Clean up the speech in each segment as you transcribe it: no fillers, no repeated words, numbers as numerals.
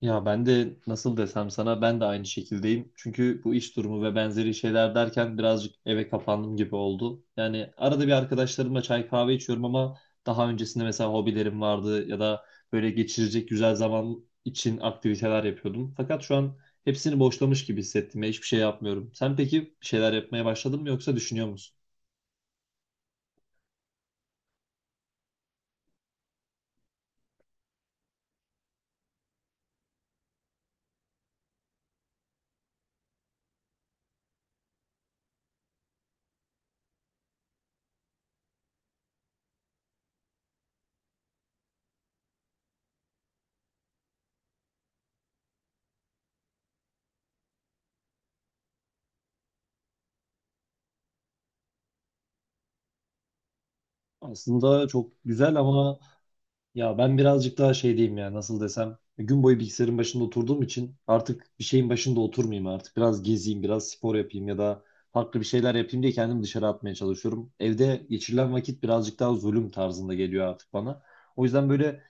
Ya ben de nasıl desem sana ben de aynı şekildeyim. Çünkü bu iş durumu ve benzeri şeyler derken birazcık eve kapandım gibi oldu. Yani arada bir arkadaşlarımla çay kahve içiyorum ama daha öncesinde mesela hobilerim vardı ya da böyle geçirecek güzel zaman için aktiviteler yapıyordum. Fakat şu an hepsini boşlamış gibi hissettim ve hiçbir şey yapmıyorum. Sen peki bir şeyler yapmaya başladın mı yoksa düşünüyor musun? Aslında çok güzel ama. Ya ben birazcık daha şey diyeyim ya nasıl desem gün boyu bilgisayarın başında oturduğum için artık bir şeyin başında oturmayayım, artık biraz gezeyim, biraz spor yapayım ya da farklı bir şeyler yapayım diye kendimi dışarı atmaya çalışıyorum. Evde geçirilen vakit birazcık daha zulüm tarzında geliyor artık bana. O yüzden böyle.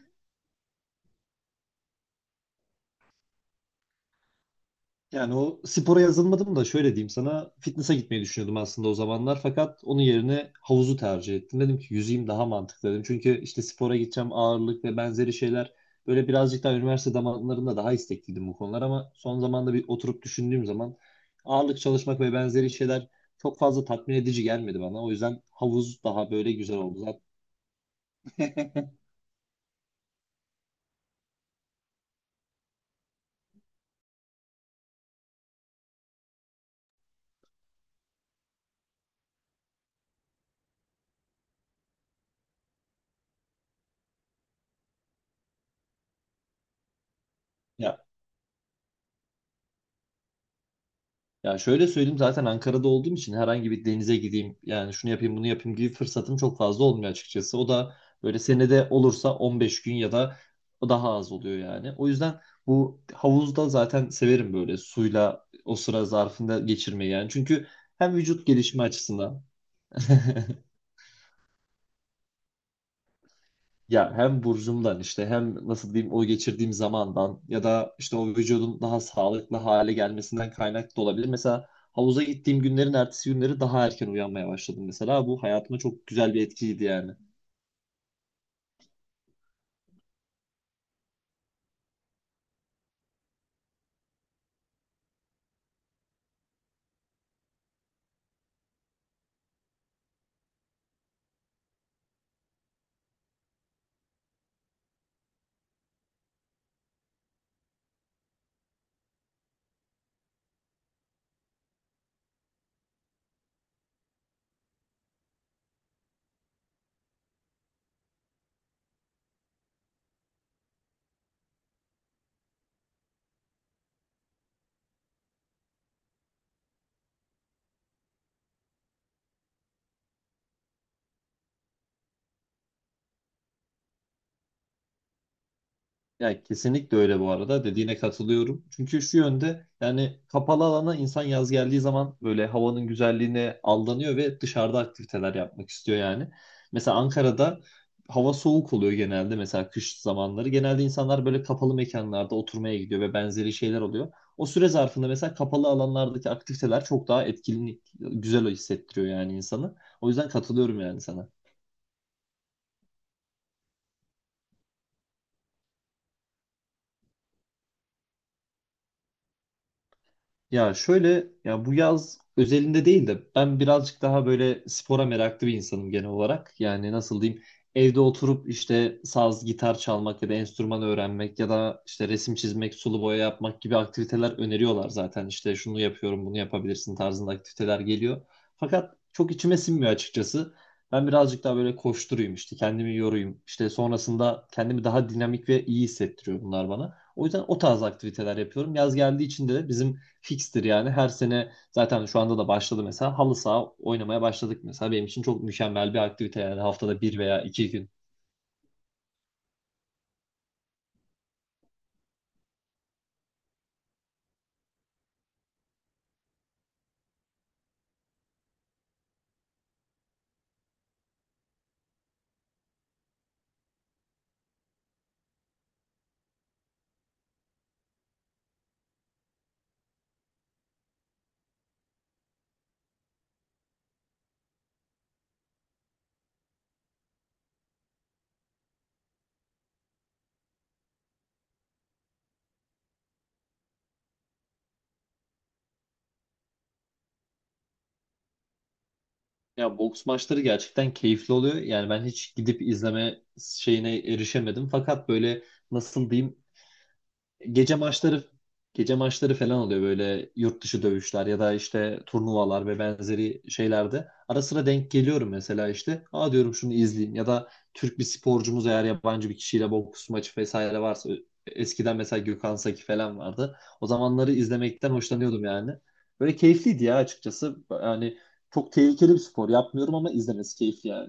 Yani o spora yazılmadım da şöyle diyeyim sana, fitness'a gitmeyi düşünüyordum aslında o zamanlar, fakat onun yerine havuzu tercih ettim. Dedim ki yüzeyim daha mantıklı dedim. Çünkü işte spora gideceğim, ağırlık ve benzeri şeyler, böyle birazcık daha üniversite zamanlarında daha istekliydim bu konular, ama son zamanda bir oturup düşündüğüm zaman ağırlık çalışmak ve benzeri şeyler çok fazla tatmin edici gelmedi bana. O yüzden havuz daha böyle güzel oldu zaten. Ya, ya şöyle söyleyeyim, zaten Ankara'da olduğum için herhangi bir denize gideyim yani şunu yapayım bunu yapayım gibi fırsatım çok fazla olmuyor açıkçası. O da böyle senede olursa 15 gün ya da daha az oluyor yani. O yüzden bu havuzda zaten severim böyle suyla o sıra zarfında geçirmeyi yani. Çünkü hem vücut gelişimi açısından… Ya hem burcumdan işte hem nasıl diyeyim o geçirdiğim zamandan ya da işte o vücudun daha sağlıklı hale gelmesinden kaynaklı da olabilir. Mesela havuza gittiğim günlerin ertesi günleri daha erken uyanmaya başladım mesela. Bu hayatıma çok güzel bir etkiydi yani. Ya kesinlikle öyle bu arada, dediğine katılıyorum. Çünkü şu yönde yani kapalı alana insan yaz geldiği zaman böyle havanın güzelliğine aldanıyor ve dışarıda aktiviteler yapmak istiyor yani. Mesela Ankara'da hava soğuk oluyor genelde, mesela kış zamanları. Genelde insanlar böyle kapalı mekanlarda oturmaya gidiyor ve benzeri şeyler oluyor. O süre zarfında mesela kapalı alanlardaki aktiviteler çok daha etkili, güzel hissettiriyor yani insanı. O yüzden katılıyorum yani sana. Ya şöyle, ya bu yaz özelinde değil de ben birazcık daha böyle spora meraklı bir insanım genel olarak. Yani nasıl diyeyim, evde oturup işte saz, gitar çalmak ya da enstrüman öğrenmek ya da işte resim çizmek, sulu boya yapmak gibi aktiviteler öneriyorlar zaten. İşte şunu yapıyorum, bunu yapabilirsin tarzında aktiviteler geliyor. Fakat çok içime sinmiyor açıkçası. Ben birazcık daha böyle koşturayım, işte kendimi yorayım. İşte sonrasında kendimi daha dinamik ve iyi hissettiriyor bunlar bana. O yüzden o tarz aktiviteler yapıyorum. Yaz geldiği için de bizim fikstir yani. Her sene zaten şu anda da başladı mesela. Halı saha oynamaya başladık mesela. Benim için çok mükemmel bir aktivite yani, haftada bir veya iki gün. Ya boks maçları gerçekten keyifli oluyor. Yani ben hiç gidip izleme şeyine erişemedim. Fakat böyle nasıl diyeyim, gece maçları gece maçları falan oluyor, böyle yurt dışı dövüşler ya da işte turnuvalar ve benzeri şeylerde. Ara sıra denk geliyorum mesela işte. Aa diyorum şunu izleyeyim ya da Türk bir sporcumuz eğer yabancı bir kişiyle boks maçı vesaire varsa, eskiden mesela Gökhan Saki falan vardı. O zamanları izlemekten hoşlanıyordum yani. Böyle keyifliydi ya açıkçası. Yani çok tehlikeli bir spor. Yapmıyorum ama izlemesi keyifli yani.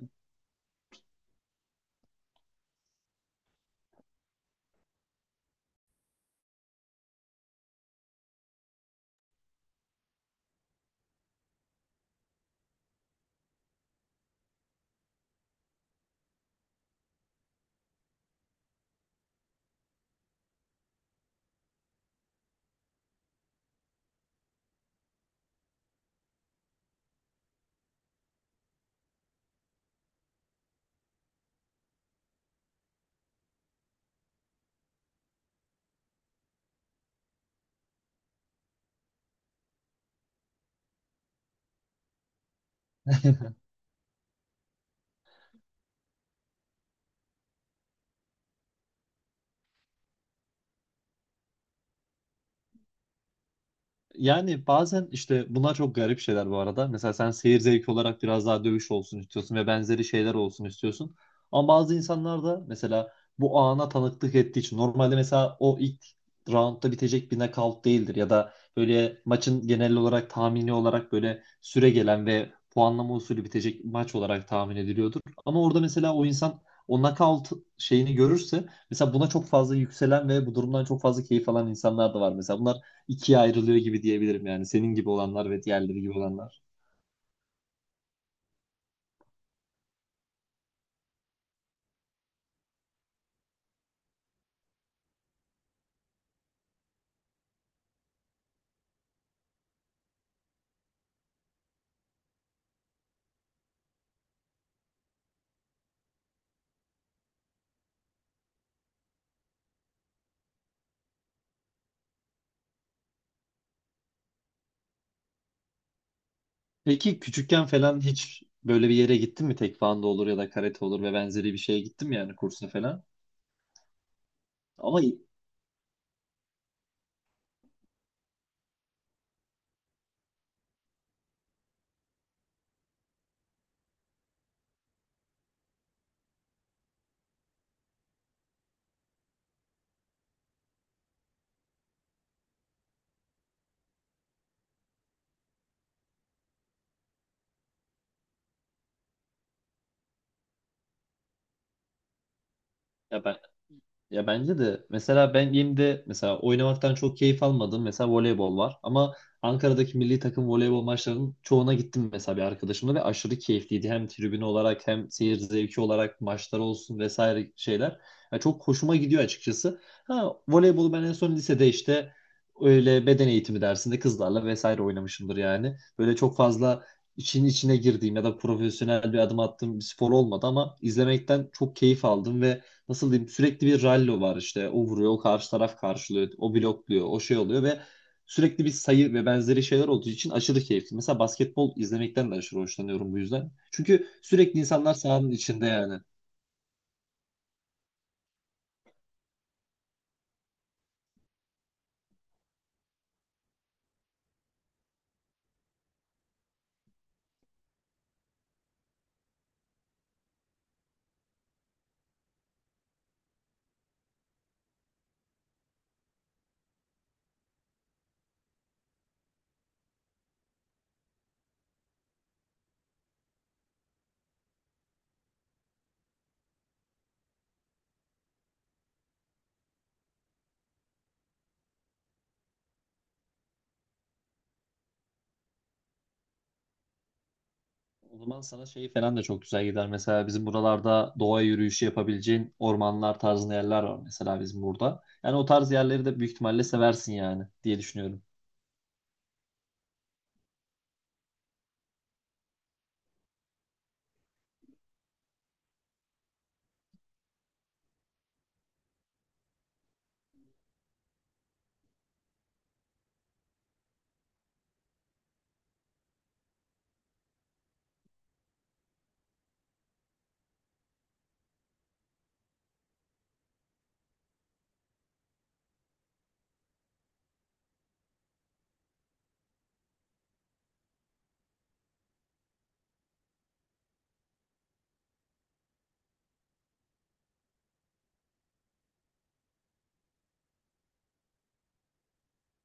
Yani bazen işte bunlar çok garip şeyler bu arada. Mesela sen seyir zevki olarak biraz daha dövüş olsun istiyorsun ve benzeri şeyler olsun istiyorsun. Ama bazı insanlar da mesela bu ana tanıklık ettiği için normalde mesela o ilk roundda bitecek bir knockout değildir ya da böyle maçın genel olarak tahmini olarak böyle süre gelen ve puanlama usulü bitecek maç olarak tahmin ediliyordur. Ama orada mesela o insan o knockout şeyini görürse, mesela buna çok fazla yükselen ve bu durumdan çok fazla keyif alan insanlar da var. Mesela bunlar ikiye ayrılıyor gibi diyebilirim yani. Senin gibi olanlar ve diğerleri gibi olanlar. Peki küçükken falan hiç böyle bir yere gittin mi? Tekvando olur ya da karate olur ve benzeri bir şeye gittin mi yani, kursa falan? Ama ya ben… Ya bence de mesela benim de mesela oynamaktan çok keyif almadım. Mesela voleybol var ama Ankara'daki milli takım voleybol maçlarının çoğuna gittim mesela bir arkadaşımla ve aşırı keyifliydi. Hem tribün olarak hem seyir zevki olarak maçlar olsun vesaire şeyler. Ya çok hoşuma gidiyor açıkçası. Ha, voleybolu ben en son lisede işte öyle beden eğitimi dersinde kızlarla vesaire oynamışımdır yani. Böyle çok fazla için içine girdiğim ya da profesyonel bir adım attığım bir spor olmadı ama izlemekten çok keyif aldım ve nasıl diyeyim, sürekli bir rallo var işte. O vuruyor, o karşı taraf karşılıyor, o blokluyor, o şey oluyor ve sürekli bir sayı ve benzeri şeyler olduğu için aşırı keyifli. Mesela basketbol izlemekten de aşırı hoşlanıyorum bu yüzden. Çünkü sürekli insanlar sahanın içinde yani. O zaman sana şey falan da çok güzel gider. Mesela bizim buralarda doğa yürüyüşü yapabileceğin ormanlar tarzında yerler var mesela bizim burada. Yani o tarz yerleri de büyük ihtimalle seversin yani diye düşünüyorum.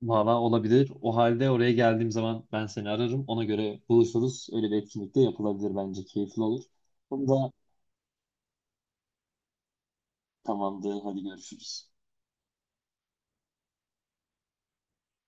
Valla olabilir. O halde oraya geldiğim zaman ben seni ararım. Ona göre buluşuruz. Öyle bir etkinlik de yapılabilir bence. Keyifli olur. Bunu da… Tamamdır. Hadi görüşürüz.